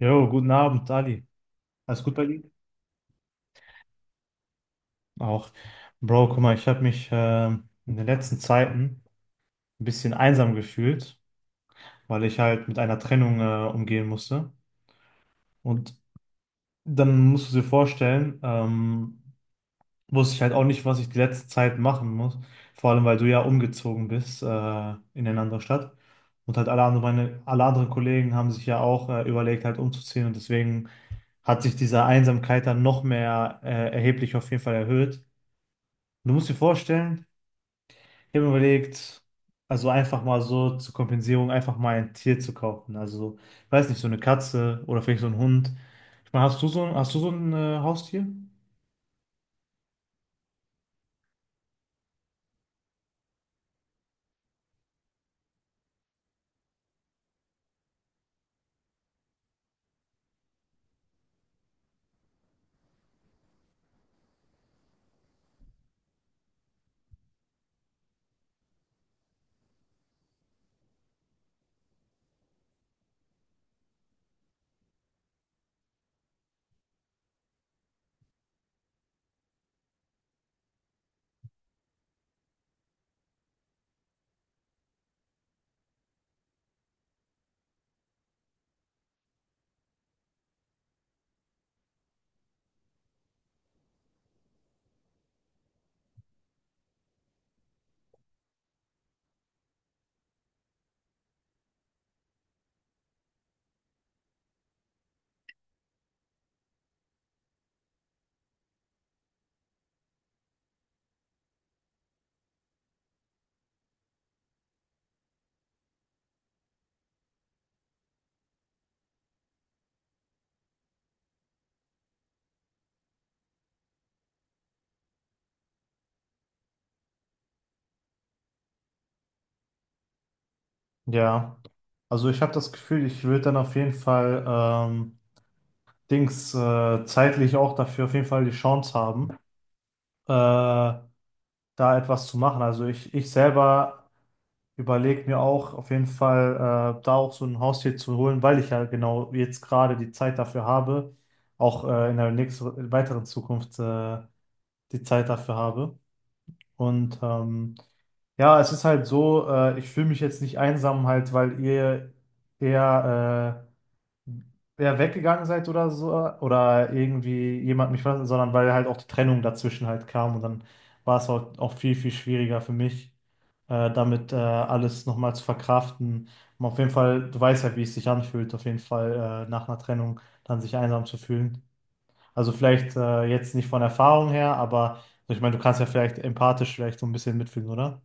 Jo, guten Abend, Ali. Alles gut bei dir? Auch. Bro, guck mal, ich habe mich in den letzten Zeiten ein bisschen einsam gefühlt, weil ich halt mit einer Trennung umgehen musste. Und dann musst du dir vorstellen, wusste ich halt auch nicht, was ich die letzte Zeit machen muss. Vor allem, weil du ja umgezogen bist in eine andere Stadt. Und halt alle anderen, meine, alle anderen Kollegen haben sich ja auch überlegt, halt umzuziehen. Und deswegen hat sich diese Einsamkeit dann noch mehr erheblich auf jeden Fall erhöht. Du musst dir vorstellen, ich habe mir überlegt, also einfach mal so zur Kompensierung einfach mal ein Tier zu kaufen. Also, ich weiß nicht, so eine Katze oder vielleicht so ein Hund. Ich meine, hast du so ein Haustier? Ja, also ich habe das Gefühl, ich würde dann auf jeden Fall Dings zeitlich auch dafür auf jeden Fall die Chance haben, äh, da etwas zu machen. Also ich selber überlege mir auch auf jeden Fall, da auch so ein Haustier zu holen, weil ich ja genau jetzt gerade die Zeit dafür habe, auch in der nächsten, weiteren Zukunft die Zeit dafür habe. Und ja, es ist halt so, ich fühle mich jetzt nicht einsam halt, weil ihr eher, eher weggegangen seid oder so, oder irgendwie jemand mich verlassen, sondern weil halt auch die Trennung dazwischen halt kam und dann war es halt auch viel, viel schwieriger für mich damit alles nochmal zu verkraften. Und auf jeden Fall, du weißt ja, wie es sich anfühlt, auf jeden Fall nach einer Trennung dann sich einsam zu fühlen. Also vielleicht jetzt nicht von Erfahrung her, aber ich meine, du kannst ja vielleicht empathisch vielleicht so ein bisschen mitfühlen, oder?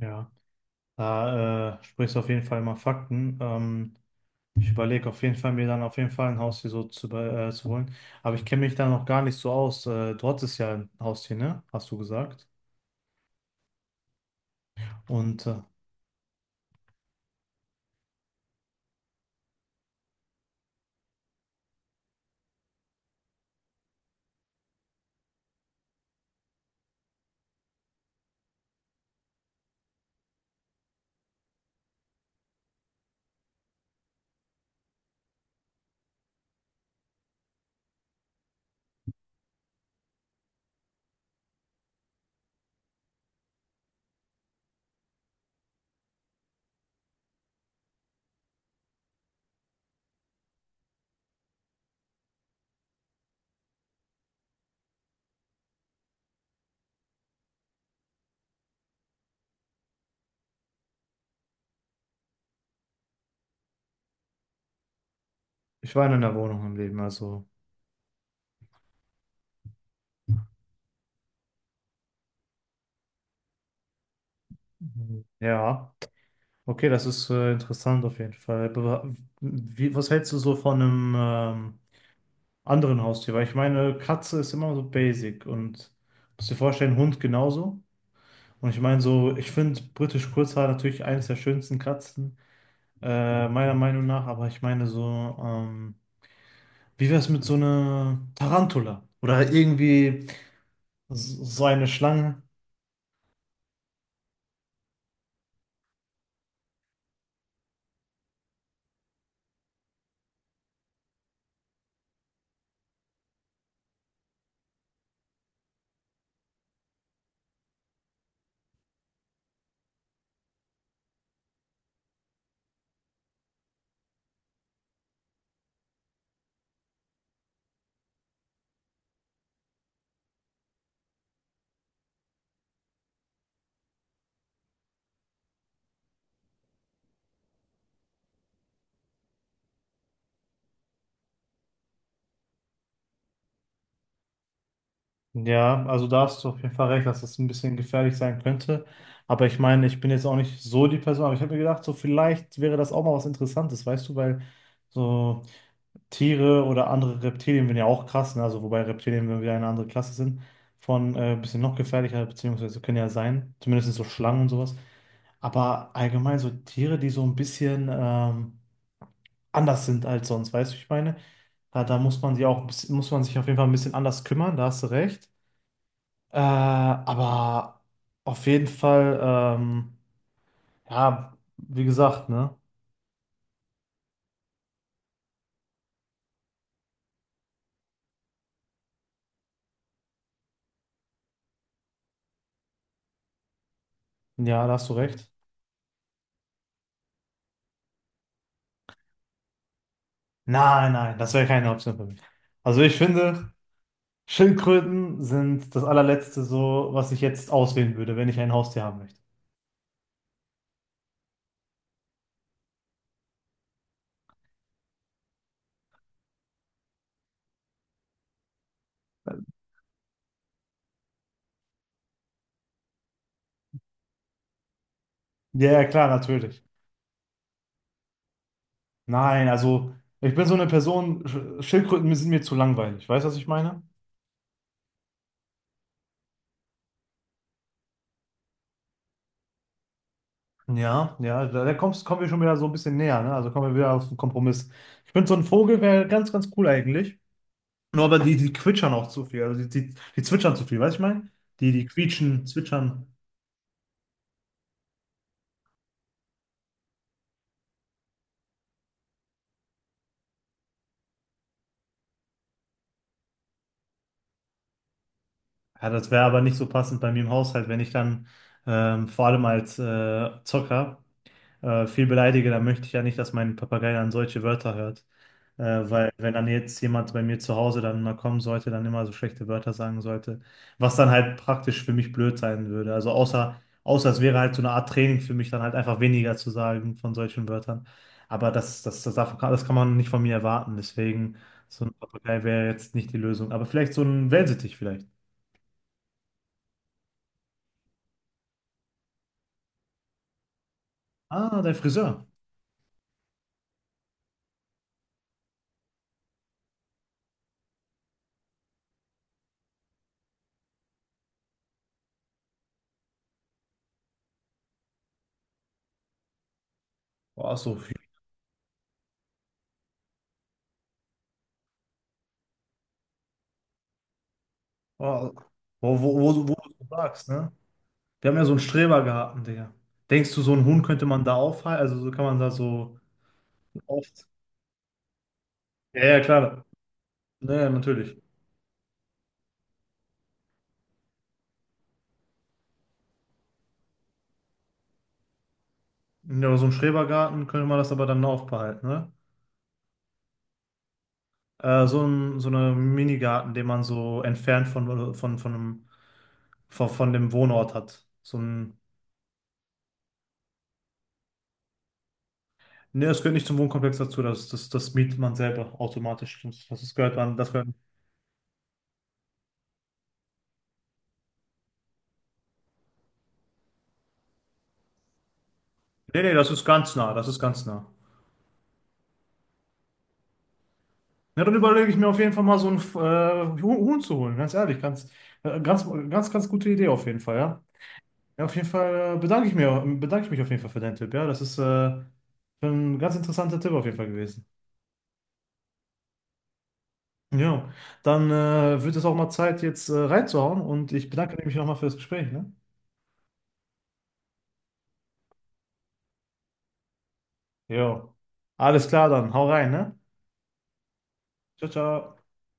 Ja, da sprichst du auf jeden Fall mal Fakten. Ich überlege auf jeden Fall, mir dann auf jeden Fall ein Haustier zu holen. Aber ich kenne mich da noch gar nicht so aus. Du hattest ja ein Haustier, ne? Hast du gesagt. Und ich war in einer Wohnung im Leben, also. Mhm. Ja, okay, das ist interessant auf jeden Fall. Aber wie, was hältst du so von einem anderen Haustier? Weil ich meine, Katze ist immer so basic und musst dir vorstellen, Hund genauso. Und ich meine so, ich finde britisch Kurzhaar natürlich eines der schönsten Katzen, meiner Meinung nach. Aber ich meine so, wie wäre es mit so einer Tarantula? Oder irgendwie so eine Schlange? Ja, also da hast du auf jeden Fall recht, dass das ein bisschen gefährlich sein könnte. Aber ich meine, ich bin jetzt auch nicht so die Person, aber ich habe mir gedacht, so vielleicht wäre das auch mal was Interessantes, weißt du, weil so Tiere oder andere Reptilien sind ja auch krass, ne? Also wobei Reptilien wenn wir eine andere Klasse sind, von ein bisschen noch gefährlicher, beziehungsweise können ja sein, zumindest so Schlangen und sowas. Aber allgemein so Tiere, die so ein bisschen anders sind als sonst, weißt du, ich meine, da muss man muss man sich auf jeden Fall ein bisschen anders kümmern, da hast du recht. Aber auf jeden Fall, ja, wie gesagt, ne? Ja, da hast du recht. Nein, nein, das wäre keine Option für mich. Also ich finde, Schildkröten sind das allerletzte so, was ich jetzt auswählen würde, wenn ich ein Haustier haben möchte. Ja, ja, klar, natürlich. Nein, also ich bin so eine Person, Schildkröten sind mir zu langweilig. Weißt du, was ich meine? Ja, ja, da kommen wir schon wieder so ein bisschen näher, ne? Also kommen wir wieder auf den Kompromiss. Ich finde, so ein Vogel wäre ganz, ganz cool eigentlich. Nur aber die quietschern auch zu viel. Also die zwitschern zu viel, weißt du, ich meine? Die quietschen, zwitschern. Ja, das wäre aber nicht so passend bei mir im Haushalt, wenn ich dann vor allem als Zocker viel beleidige, dann möchte ich ja nicht, dass mein Papagei dann solche Wörter hört. Weil wenn dann jetzt jemand bei mir zu Hause dann mal kommen sollte, dann immer so schlechte Wörter sagen sollte, was dann halt praktisch für mich blöd sein würde. Also außer es wäre halt so eine Art Training für mich, dann halt einfach weniger zu sagen von solchen Wörtern. Aber das kann man nicht von mir erwarten. Deswegen, so ein Papagei wäre jetzt nicht die Lösung. Aber vielleicht so ein Wellensittich vielleicht. Ah, dein Friseur. Oh, so viel. Oh, wo du sagst, ne? Wir haben ja so einen Strebergarten, Digga. Denkst du, so einen Huhn könnte man da aufhalten? Also so kann man da so oft. Ja, ja, klar. Naja, natürlich. Ja, aber so einen Schrebergarten könnte man das aber dann aufbehalten, ne? So ein, so eine Minigarten, den man so entfernt von einem, von dem Wohnort hat. So ein. Ne, es gehört nicht zum Wohnkomplex dazu, das mietet man selber automatisch. Das gehört man, das gehört. Nee, nee, das ist ganz nah, das ist ganz nah. Ja, dann überlege ich mir auf jeden Fall mal so einen Huhn zu holen, ganz ehrlich. Ganz gute Idee auf jeden Fall, ja. Ja, auf jeden Fall bedanke ich mich auf jeden Fall für deinen Tipp, ja. Das ist ein ganz interessanter Tipp auf jeden Fall gewesen. Ja, dann wird es auch mal Zeit, jetzt reinzuhauen und ich bedanke mich nochmal für das Gespräch, ne? Jo. Alles klar dann, hau rein, ne? Ciao, ciao.